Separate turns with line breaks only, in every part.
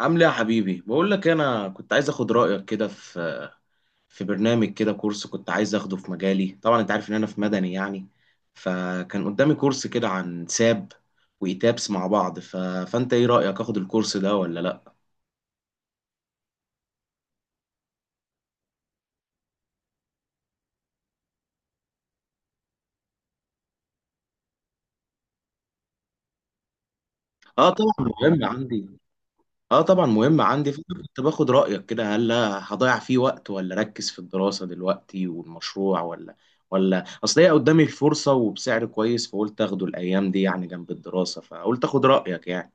عامل ايه يا حبيبي؟ بقول لك إيه، انا كنت عايز اخد رايك كده في برنامج كده، كورس كنت عايز اخده في مجالي. طبعا انت عارف ان انا في مدني يعني. فكان قدامي كورس كده عن ساب وايتابس مع بعض، فانت ايه رايك؟ اخد الكورس ده ولا لا؟ اه طبعا مهم عندي. اه طبعا مهم عندي، فأنا كنت باخد رايك كده، هل هضيع فيه وقت ولا اركز في الدراسه دلوقتي والمشروع؟ ولا اصل هي قدامي الفرصه وبسعر كويس، فقلت اخده الايام دي يعني جنب الدراسه، فقلت اخد رايك يعني.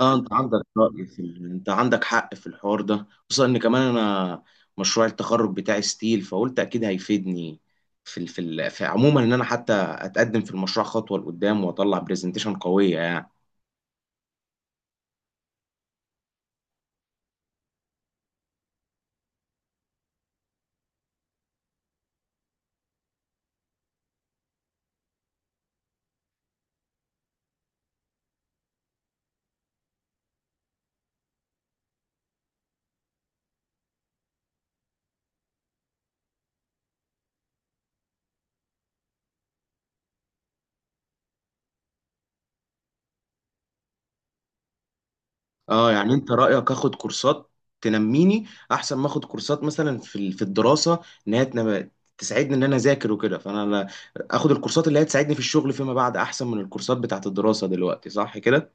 اه انت عندك رأي في انت عندك حق في الحوار ده، خصوصا ان كمان انا مشروع التخرج بتاعي ستيل، فقلت اكيد هيفيدني في في عموما، ان انا حتى اتقدم في المشروع خطوة لقدام واطلع برزنتيشن قوية يعني. اه يعني انت رأيك اخد كورسات تنميني احسن ما اخد كورسات مثلا في في الدراسة، ان هي تساعدني ان انا اذاكر وكده، فانا اخد الكورسات اللي هي تساعدني في الشغل فيما بعد احسن من الكورسات بتاعت الدراسة دلوقتي، صح كده؟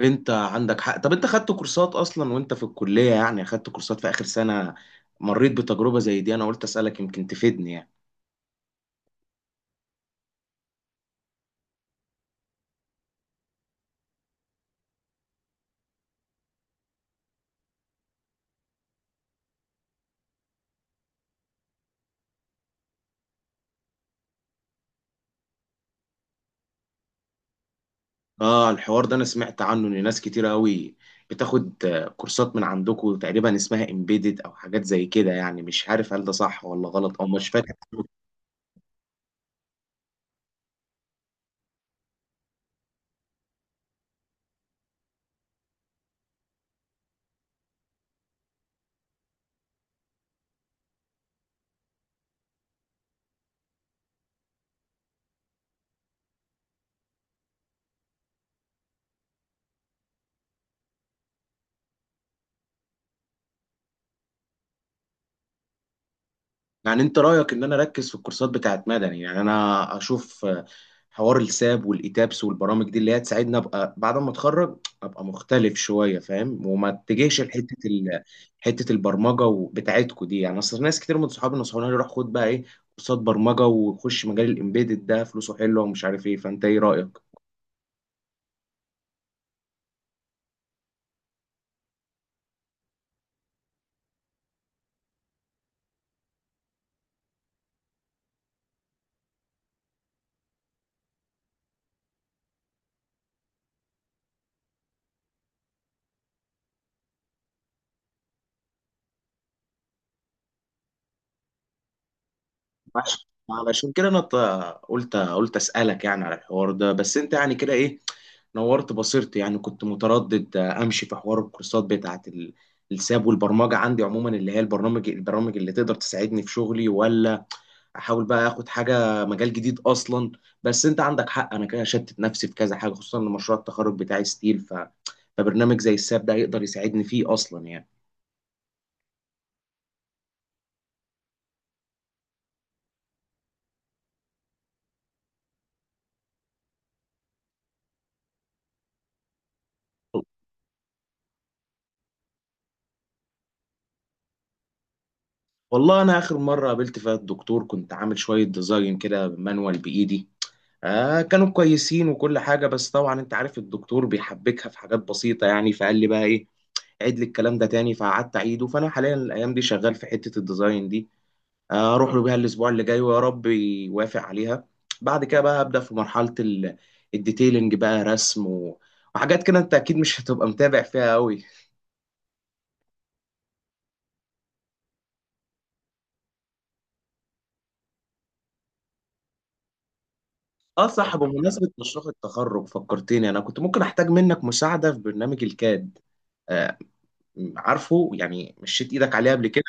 انت عندك حق. طب انت خدت كورسات اصلا وانت في الكلية يعني؟ خدت كورسات في اخر سنة، مريت بتجربة زي دي؟ انا قلت اسألك يمكن تفيدني يعني. اه الحوار ده انا سمعت عنه ان ناس كتير قوي بتاخد كورسات من عندكم، تقريبا اسمها امبيدد او حاجات زي كده يعني. مش عارف هل ده صح ولا غلط او مش فاكر. يعني انت رايك ان انا اركز في الكورسات بتاعت مدني؟ يعني انا اشوف حوار الساب والايتابس والبرامج دي اللي هي تساعدني ابقى بعد ما اتخرج، ابقى مختلف شويه، فاهم؟ وما اتجهش لحته حته البرمجه بتاعتكو دي يعني. اصل ناس كتير من صحابي نصحوني روح خد بقى ايه، كورسات برمجه وخش مجال الامبيدد ده، فلوسه حلوه ومش عارف ايه، فانت ايه رايك؟ علشان كده انا قلت اسالك يعني على الحوار ده، بس انت يعني كده ايه، نورت بصيرتي يعني. كنت متردد امشي في حوار الكورسات بتاعت الساب والبرمجه عندي عموما اللي هي البرامج اللي تقدر تساعدني في شغلي، ولا احاول بقى اخد حاجه مجال جديد اصلا. بس انت عندك حق، انا كده شتت نفسي في كذا حاجه، خصوصا ان مشروع التخرج بتاعي ستيل، فبرنامج زي الساب ده هيقدر يساعدني فيه اصلا يعني. والله انا اخر مره قابلت فيها الدكتور كنت عامل شويه ديزاين كده مانوال بايدي، آه كانوا كويسين وكل حاجة. بس طبعا انت عارف الدكتور بيحبكها في حاجات بسيطة يعني، فقال لي بقى ايه، عيد لي الكلام ده تاني، فقعدت اعيده. فانا حاليا الايام دي شغال في حتة الديزاين دي، اروح له بيها الاسبوع اللي جاي ويا رب يوافق عليها. بعد كده بقى ابدا في مرحلة الديتيلنج بقى، رسم وحاجات كده انت اكيد مش هتبقى متابع فيها قوي. اه صح، بمناسبة مشروع التخرج فكرتني، انا كنت ممكن احتاج منك مساعدة في برنامج الكاد. آه عارفه يعني، مشيت ايدك عليه قبل كده.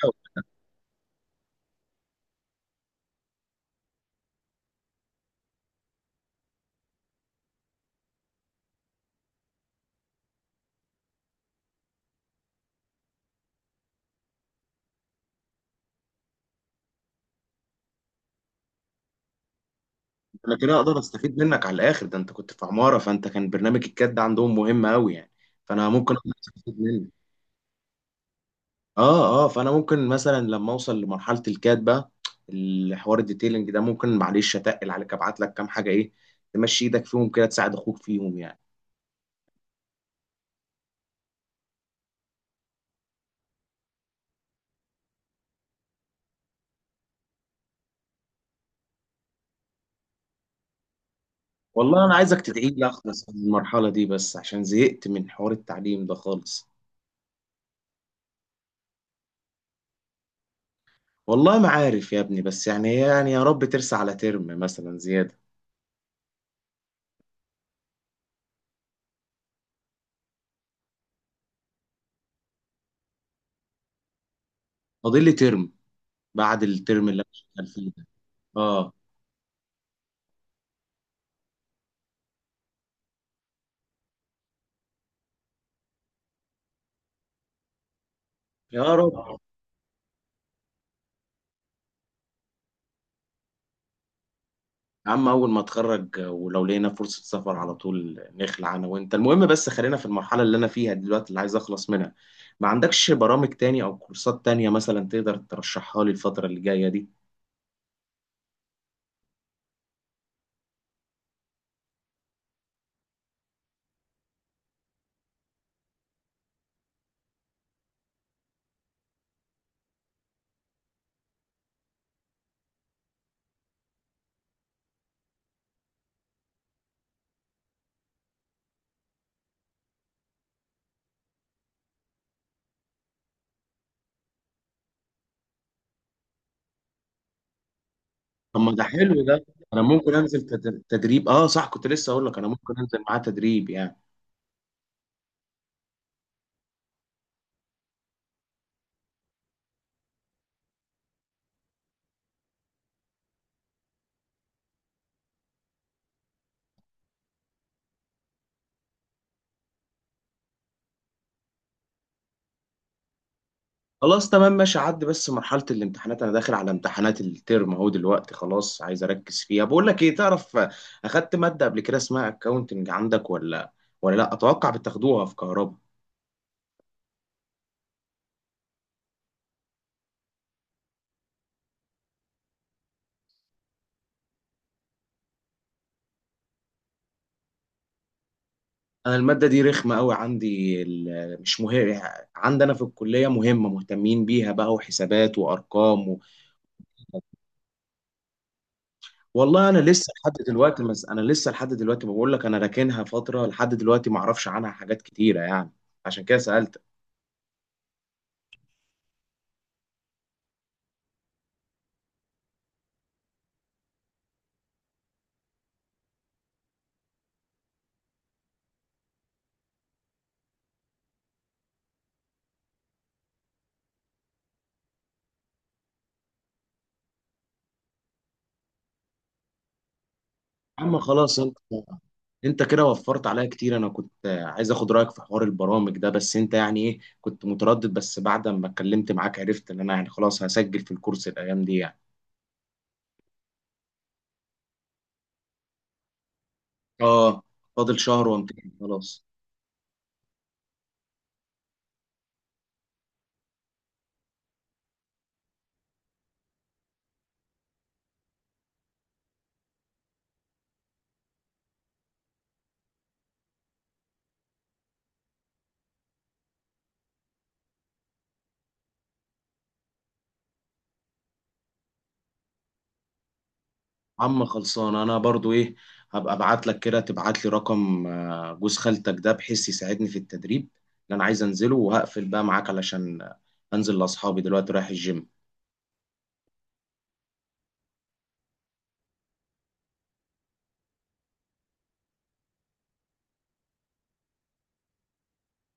انا كده اقدر استفيد منك على الاخر، ده انت كنت في عمارة، فانت كان برنامج الكاد ده عندهم مهم قوي يعني، فانا ممكن أقدر استفيد منك. اه اه، فانا ممكن مثلا لما اوصل لمرحلة الكاد بقى، الحوار الديتيلنج ده، ممكن معلش اتقل عليك، ابعت لك كام حاجة ايه، تمشي ايدك فيهم كده، تساعد اخوك فيهم يعني. والله انا عايزك تدعي لي اخلص من المرحلة دي بس، عشان زهقت من حوار التعليم ده خالص. والله ما عارف يا ابني، بس يعني يعني يا رب ترسى على ترم مثلا زيادة. فاضل لي ترم بعد الترم اللي انا شغال فيه ده. اه، يا رب اه. يا عم اول ما اتخرج ولو لقينا فرصة سفر على طول نخلع انا وانت، المهم بس خلينا في المرحلة اللي انا فيها دلوقتي اللي عايز اخلص منها. ما عندكش برامج تاني او كورسات تانية مثلا تقدر ترشحها لي الفترة اللي جاية دي؟ طب ما ده حلو، ده انا ممكن انزل تدريب. اه صح، كنت لسه اقول لك انا ممكن انزل معاه تدريب يعني. خلاص تمام ماشي، عدي. بس مرحلة الامتحانات انا داخل على امتحانات الترم اهو دلوقتي، خلاص عايز اركز فيها. بقول لك ايه، تعرف، اخدت مادة قبل كده اسمها اكاونتنج عندك ولا؟ ولا لا، اتوقع بتاخدوها في كهرباء. انا المادة دي رخمة قوي عندي، مش مهم عندنا في الكلية، مهمة، مهتمين بيها بقى، وحسابات وارقام والله انا لسه لحد دلوقتي مس... انا لسه لحد دلوقتي بقول لك، انا راكنها فترة لحد دلوقتي ما اعرفش عنها حاجات كتيرة يعني، عشان كده سألت. يا عم خلاص، انت انت كده وفرت عليا كتير. انا كنت عايز اخد رايك في حوار البرامج ده بس، انت يعني ايه، كنت متردد، بس بعد ما اتكلمت معاك عرفت ان انا يعني خلاص هسجل في الكورس الايام دي يعني. اه، فاضل شهر وامتحن خلاص. عم خلصان انا برضو ايه، هبقى ابعت لك كده تبعت لي رقم جوز خالتك ده، بحيث يساعدني في التدريب اللي انا عايز انزله. وهقفل بقى معاك علشان انزل لاصحابي دلوقتي رايح الجيم.